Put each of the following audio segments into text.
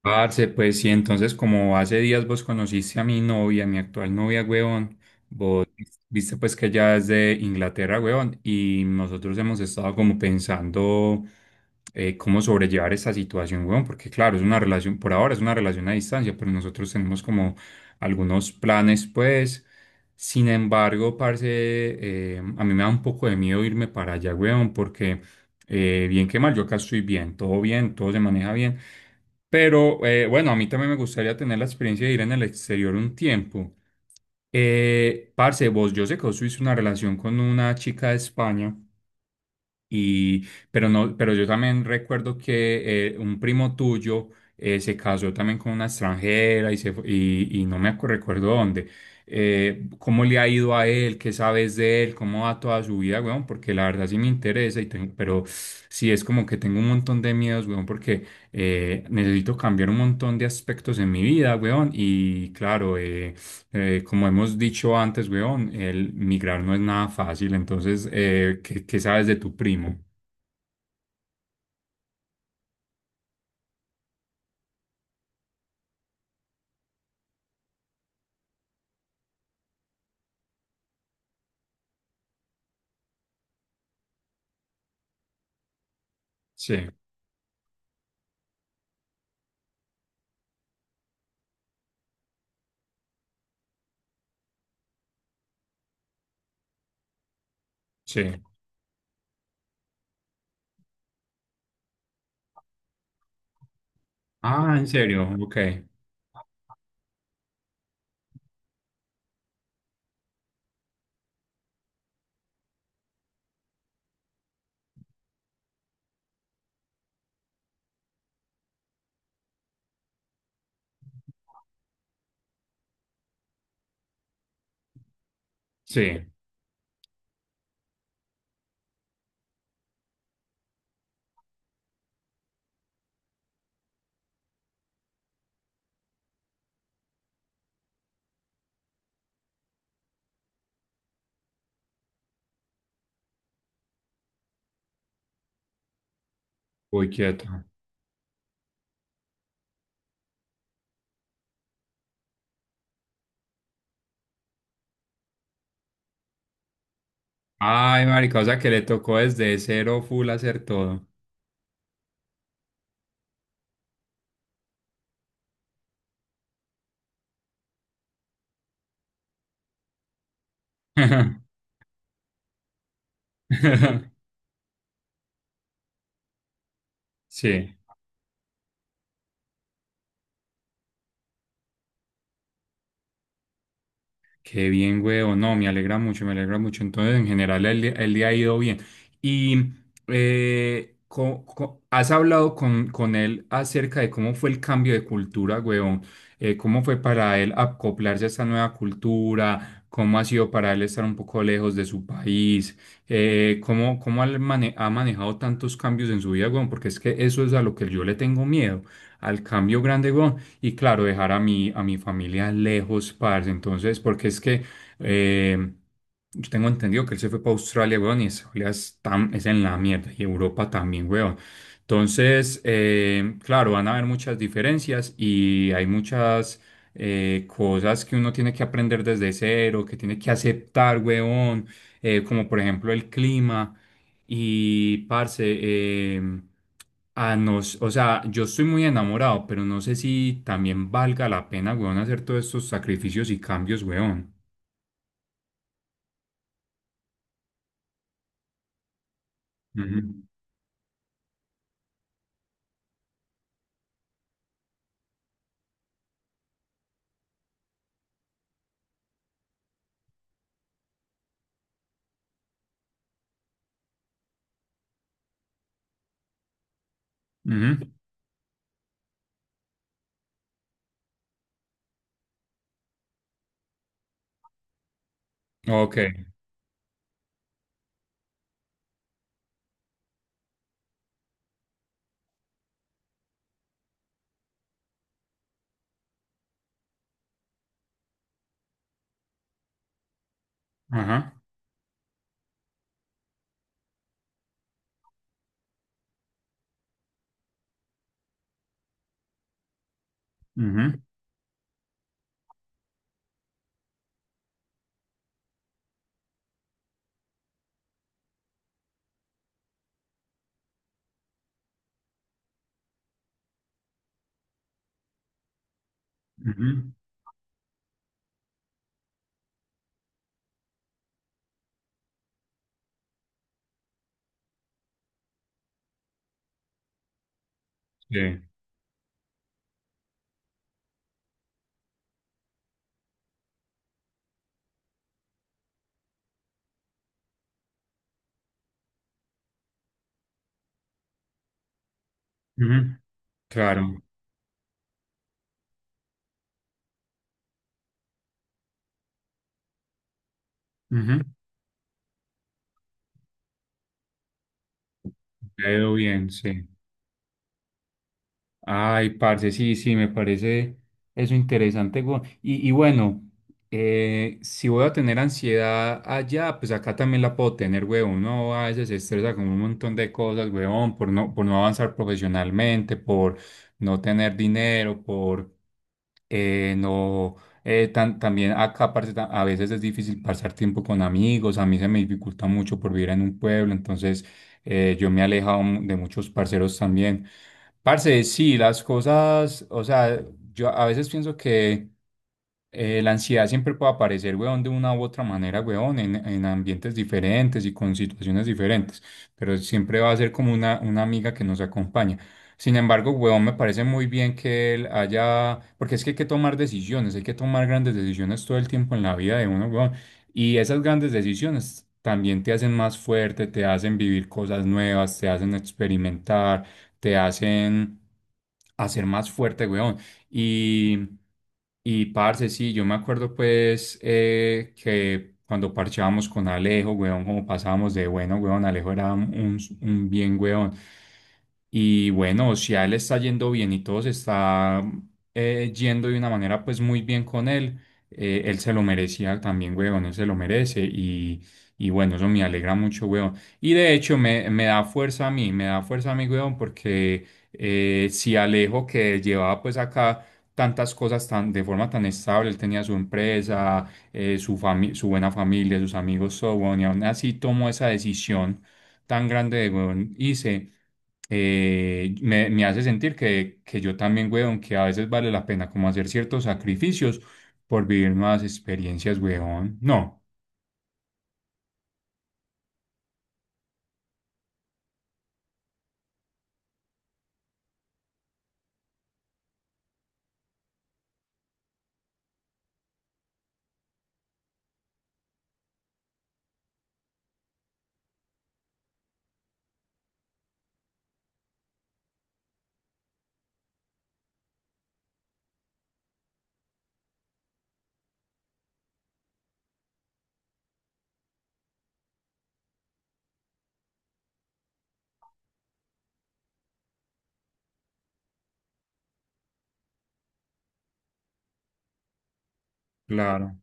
Parce, pues sí, entonces como hace días vos conociste a mi novia, mi actual novia, huevón, vos viste pues que ella es de Inglaterra, huevón, y nosotros hemos estado como pensando cómo sobrellevar esta situación, huevón, porque claro, es una relación, por ahora es una relación a distancia, pero nosotros tenemos como algunos planes, pues. Sin embargo, parce, a mí me da un poco de miedo irme para allá, huevón, porque... bien que mal, yo acá estoy bien, todo se maneja bien. Pero bueno, a mí también me gustaría tener la experiencia de ir en el exterior un tiempo. Parce, vos, yo sé que vos tuviste una relación con una chica de España. Y, pero no, pero yo también recuerdo que un primo tuyo se casó también con una extranjera y, se, y, no me recuerdo dónde. ¿Cómo le ha ido a él? ¿Qué sabes de él? ¿Cómo va toda su vida, weón? Porque la verdad sí me interesa, y pero sí es como que tengo un montón de miedos, weón, porque necesito cambiar un montón de aspectos en mi vida, weón. Y claro, como hemos dicho antes, weón, el migrar no es nada fácil. Entonces, ¿qué, qué sabes de tu primo? Sí, sí. Ah, ¿en serio? Ok. Sí. Muy quieto. Ay, marica, o sea que le tocó desde cero full hacer todo. Sí. Qué bien, huevo. No, me alegra mucho, me alegra mucho. Entonces, en general, día el día ha ido bien. Y has hablado con él acerca de cómo fue el cambio de cultura, huevón. Cómo fue para él acoplarse a esta nueva cultura, cómo ha sido para él estar un poco lejos de su país, cómo, ha manejado tantos cambios en su vida, huevón, porque es que eso es a lo que yo le tengo miedo, al cambio grande, huevón, y claro, dejar a mi familia lejos, parce. Entonces, porque es que eh, yo tengo entendido que él se fue para Australia, weón, y Australia es, es en la mierda, y Europa también, weón. Entonces, claro, van a haber muchas diferencias y hay muchas cosas que uno tiene que aprender desde cero, que tiene que aceptar, weón, como por ejemplo el clima. Y, parce, em, o sea, yo estoy muy enamorado, pero no sé si también valga la pena, weón, hacer todos estos sacrificios y cambios, weón. Ujú, ujú, ok. Ajá. Ujú, ujú, sí. Ujú, claro. Ujú, veo bien, sí. Ay, parce, sí, sí, me parece eso interesante. Y bueno, si voy a tener ansiedad allá, pues acá también la puedo tener, huevón. Uno a veces se estresa con un montón de cosas, huevón, por no avanzar profesionalmente, por no tener dinero, por no, tan- también acá parce, a veces es difícil pasar tiempo con amigos, a mí se me dificulta mucho por vivir en un pueblo, entonces yo me he alejado de muchos parceros también. Parce, sí, las cosas, o sea, yo a veces pienso que la ansiedad siempre puede aparecer, weón, de una u otra manera, weón, en ambientes diferentes y con situaciones diferentes, pero siempre va a ser como una amiga que nos acompaña. Sin embargo, weón, me parece muy bien que él haya, porque es que hay que tomar decisiones, hay que tomar grandes decisiones todo el tiempo en la vida de uno, weón. Y esas grandes decisiones también te hacen más fuerte, te hacen vivir cosas nuevas, te hacen experimentar, te hacen hacer más fuerte, weón. Y, y parce, sí, yo me acuerdo pues que cuando parchábamos con Alejo, weón, como pasábamos de bueno, weón, Alejo era un bien weón. Y bueno, si a él le está yendo bien y todo se está yendo de una manera pues muy bien con él, él se lo merecía también, weón, él se lo merece y bueno, eso me alegra mucho, weón. Y de hecho me, me da fuerza a mí, me da fuerza a mí, weón, porque si Alejo que llevaba pues acá tantas cosas tan, de forma tan estable. Él tenía su empresa, su buena familia, sus amigos, so on, y aún así tomó esa decisión tan grande de, weón, hice, me hace sentir que yo también, weón, que a veces vale la pena como hacer ciertos sacrificios por vivir nuevas experiencias, weón. No, claro.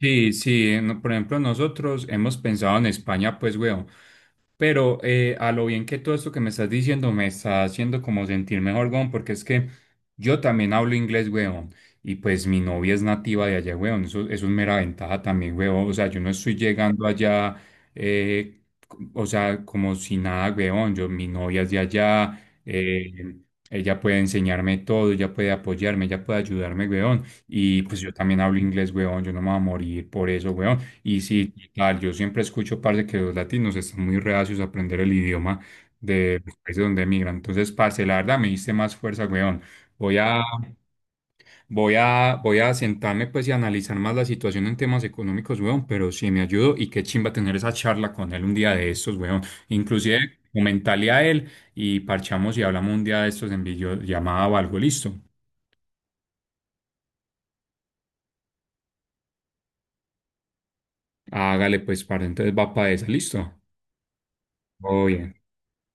Sí, sí, por ejemplo, nosotros hemos pensado en España, pues, weón, pero a lo bien que todo esto que me estás diciendo me está haciendo como sentir mejor, weón, porque es que yo también hablo inglés, weón, y pues mi novia es nativa de allá, weón, eso es mera ventaja también, weón, o sea, yo no estoy llegando allá, eh, o sea, como si nada, weón, yo, mi novia es de allá, eh, ella puede enseñarme todo, ella puede apoyarme, ella puede ayudarme, weón. Y pues yo también hablo inglés, weón, yo no me voy a morir por eso, weón. Y sí, tal, yo siempre escucho, parce, que los latinos están muy reacios a aprender el idioma de los países donde emigran. Entonces, parce, la verdad me diste más fuerza, weón. Voy a, Voy a sentarme, pues, y analizar más la situación en temas económicos, weón, pero sí me ayudo y qué chimba tener esa charla con él un día de estos, weón. Inclusive, comentarle a él y parchamos y hablamos un día de estos en videollamada o algo, listo. Hágale, pues, parce, entonces va para esa, listo. Uy,